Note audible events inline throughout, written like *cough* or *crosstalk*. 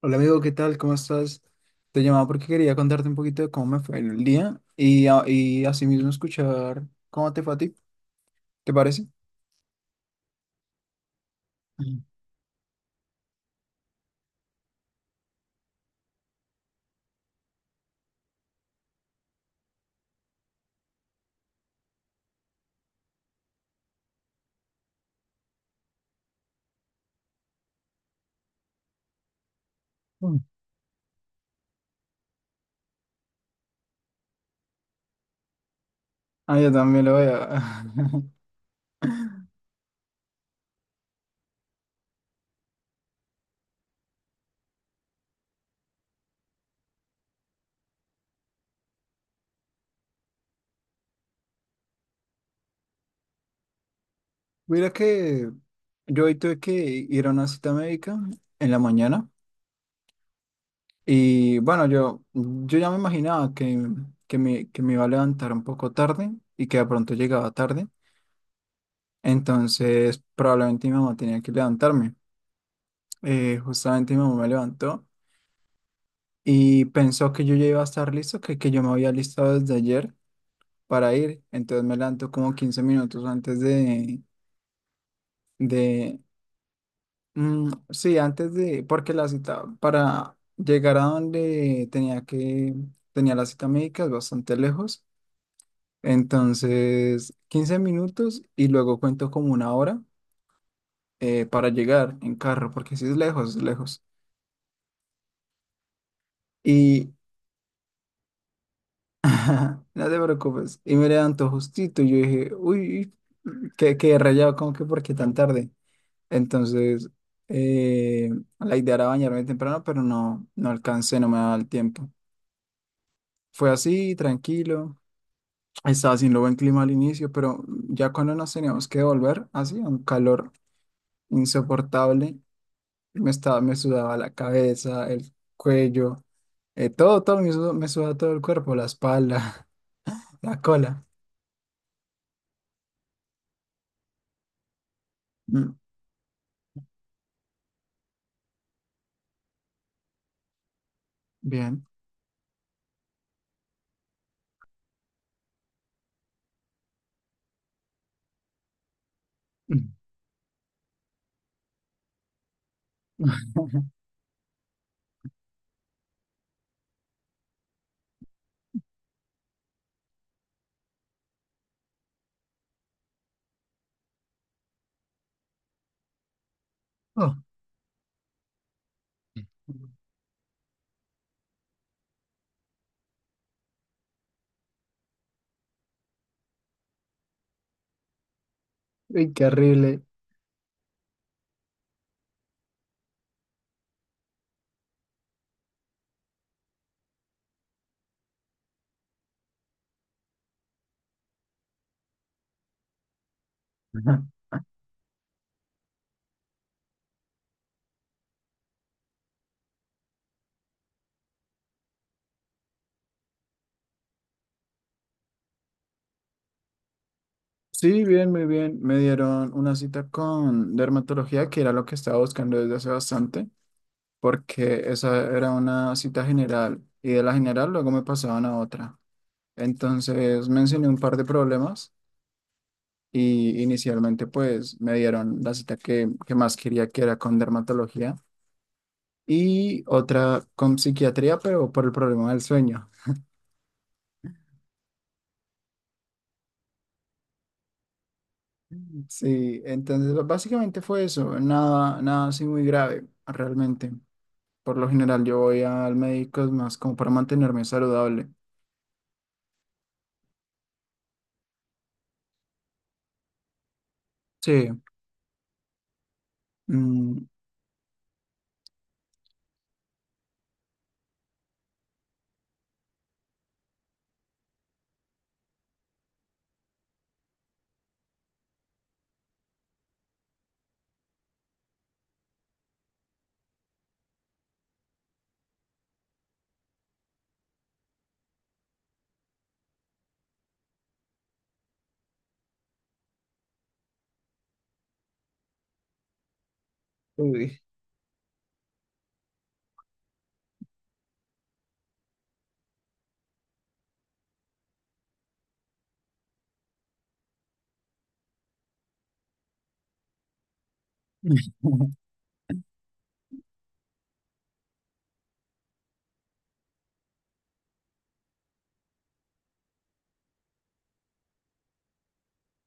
Hola amigo, ¿qué tal? ¿Cómo estás? Te llamaba porque quería contarte un poquito de cómo me fue en el día y asimismo escuchar cómo te fue a ti. ¿Te parece? Mm. Mm. Ah, yo también lo voy a... *laughs* Mira que yo hoy tuve que ir a una cita médica en la mañana y bueno, yo ya me imaginaba que me iba a levantar un poco tarde y que de pronto llegaba tarde, entonces probablemente mi mamá tenía que levantarme. Justamente mi mamá me levantó. Y pensó que yo ya iba a estar listo, que yo me había listado desde ayer para ir. Entonces me levantó como 15 minutos antes de, sí, antes de, porque la cita para llegar a donde tenía la cita médica es bastante lejos. Entonces, 15 minutos y luego cuento como una hora, para llegar en carro, porque sí es lejos, es lejos. *laughs* Ajá, no te preocupes. Y me levantó justito. Y yo dije, uy, qué rayado, ¿cómo que por qué tan tarde? Entonces, eh, la idea era bañarme temprano, pero no, no alcancé, no me daba el tiempo. Fue así, tranquilo. Estaba haciendo buen clima al inicio, pero ya cuando nos teníamos que volver, hacía un calor insoportable. Me sudaba la cabeza, el cuello, todo, todo, me sudaba todo el cuerpo, la espalda, *laughs* la cola. Mm, bien. *laughs* *laughs* Oh, uy, qué horrible. Ajá. Sí, bien, muy bien. Me dieron una cita con dermatología, que era lo que estaba buscando desde hace bastante, porque esa era una cita general y de la general luego me pasaban a otra. Entonces mencioné un par de problemas y inicialmente pues me dieron la cita que más quería, que era con dermatología y otra con psiquiatría, pero por el problema del sueño. Sí, entonces básicamente fue eso, nada, nada así muy grave realmente. Por lo general yo voy al médico es más como para mantenerme saludable. Sí. mm, Uy, *laughs*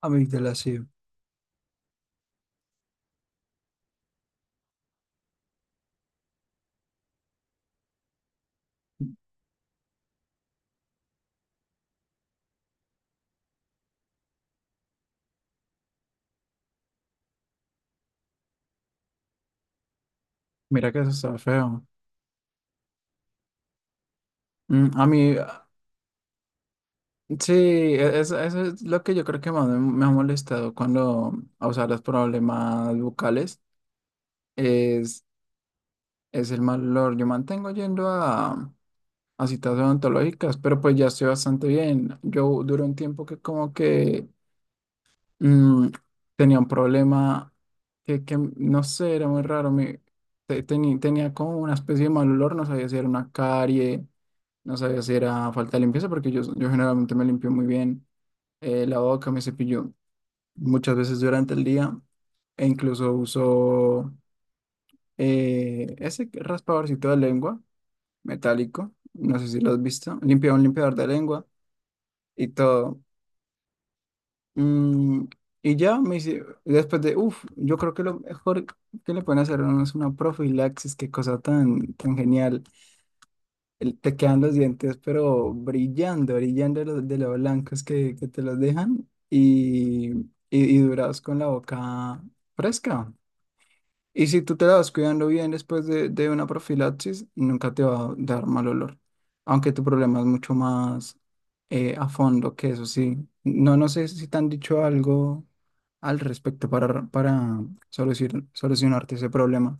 amígdala, sí. Mira que eso está feo. A mí, sí, eso es lo que yo creo que más me ha molestado cuando, o sea, los problemas bucales es, es el mal olor. Yo mantengo yendo a citas odontológicas, pero pues ya estoy bastante bien. Yo duré un tiempo que como que mm, tenía un problema que no sé, era muy raro. Tenía como una especie de mal olor, no sabía si era una carie, no sabía si era falta de limpieza, porque yo generalmente me limpio muy bien, la boca, me cepillo muchas veces durante el día e incluso uso, ese raspadorcito de lengua metálico, no sé si lo has visto, limpia un limpiador de lengua. Y todo. Mm, y ya me hice, yo creo que lo mejor que le pueden hacer a uno es una profilaxis, qué cosa tan, tan genial. Te quedan los dientes, pero brillando, brillando de de lo blancos que te los dejan y durados con la boca fresca. Y si tú te la vas cuidando bien después de una profilaxis, nunca te va a dar mal olor. Aunque tu problema es mucho más, a fondo que eso, sí. No, no sé si te han dicho algo al respecto para, solucionarte ese problema.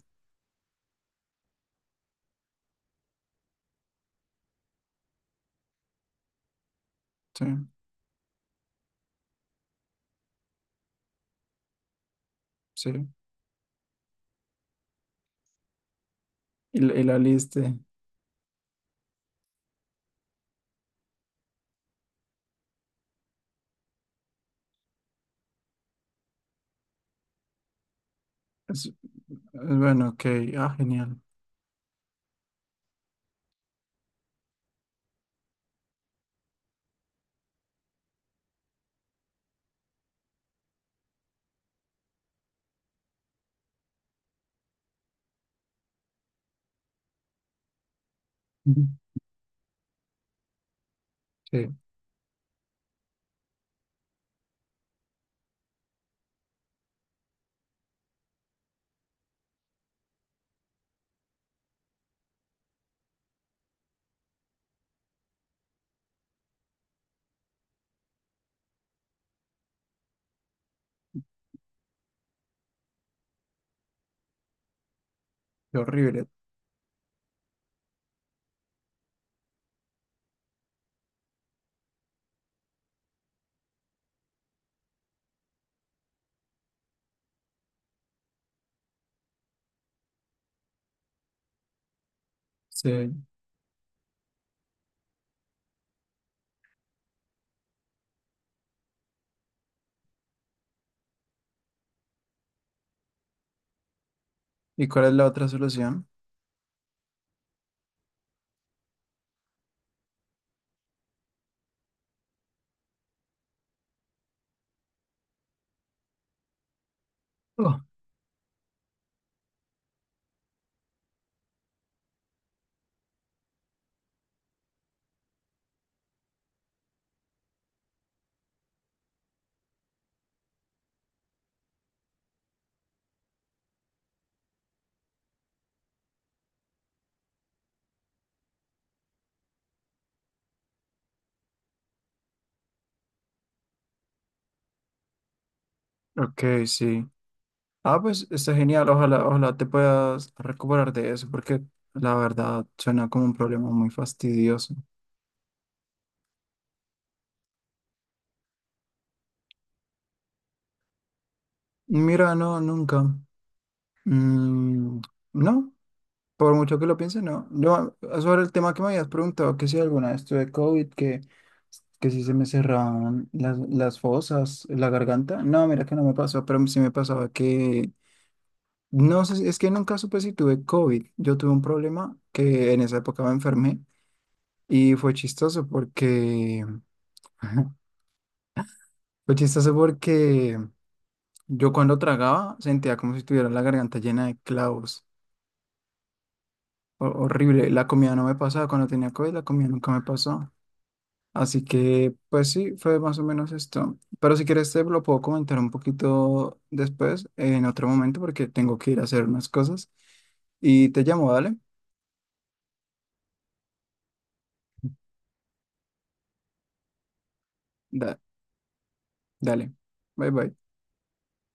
Sí, sí. Y la lista es bueno, ok. Ah, genial. Ujú. Sí, qué horrible. Sí. ¿Y cuál es la otra solución? Oh, ok, sí. Ah, pues está genial. Ojalá, ojalá te puedas recuperar de eso, porque la verdad suena como un problema muy fastidioso. Mira, no, nunca. Mm, no, por mucho que lo piense, no. Sobre el tema que me habías preguntado, que si alguna vez tuve COVID, que si se me cerraban las fosas, la garganta. No, mira que no me pasó, pero sí me pasaba que. No sé, es que nunca supe si tuve COVID. Yo tuve un problema que en esa época me enfermé. Y fue chistoso porque, *laughs* Fue chistoso porque yo cuando tragaba sentía como si tuviera la garganta llena de clavos. Horrible. La comida no me pasaba. Cuando tenía COVID, la comida nunca me pasó. Así que, pues sí, fue más o menos esto. Pero si quieres, te lo puedo comentar un poquito después, en otro momento, porque tengo que ir a hacer unas cosas. Y te llamo, dale. Da- dale. Bye bye.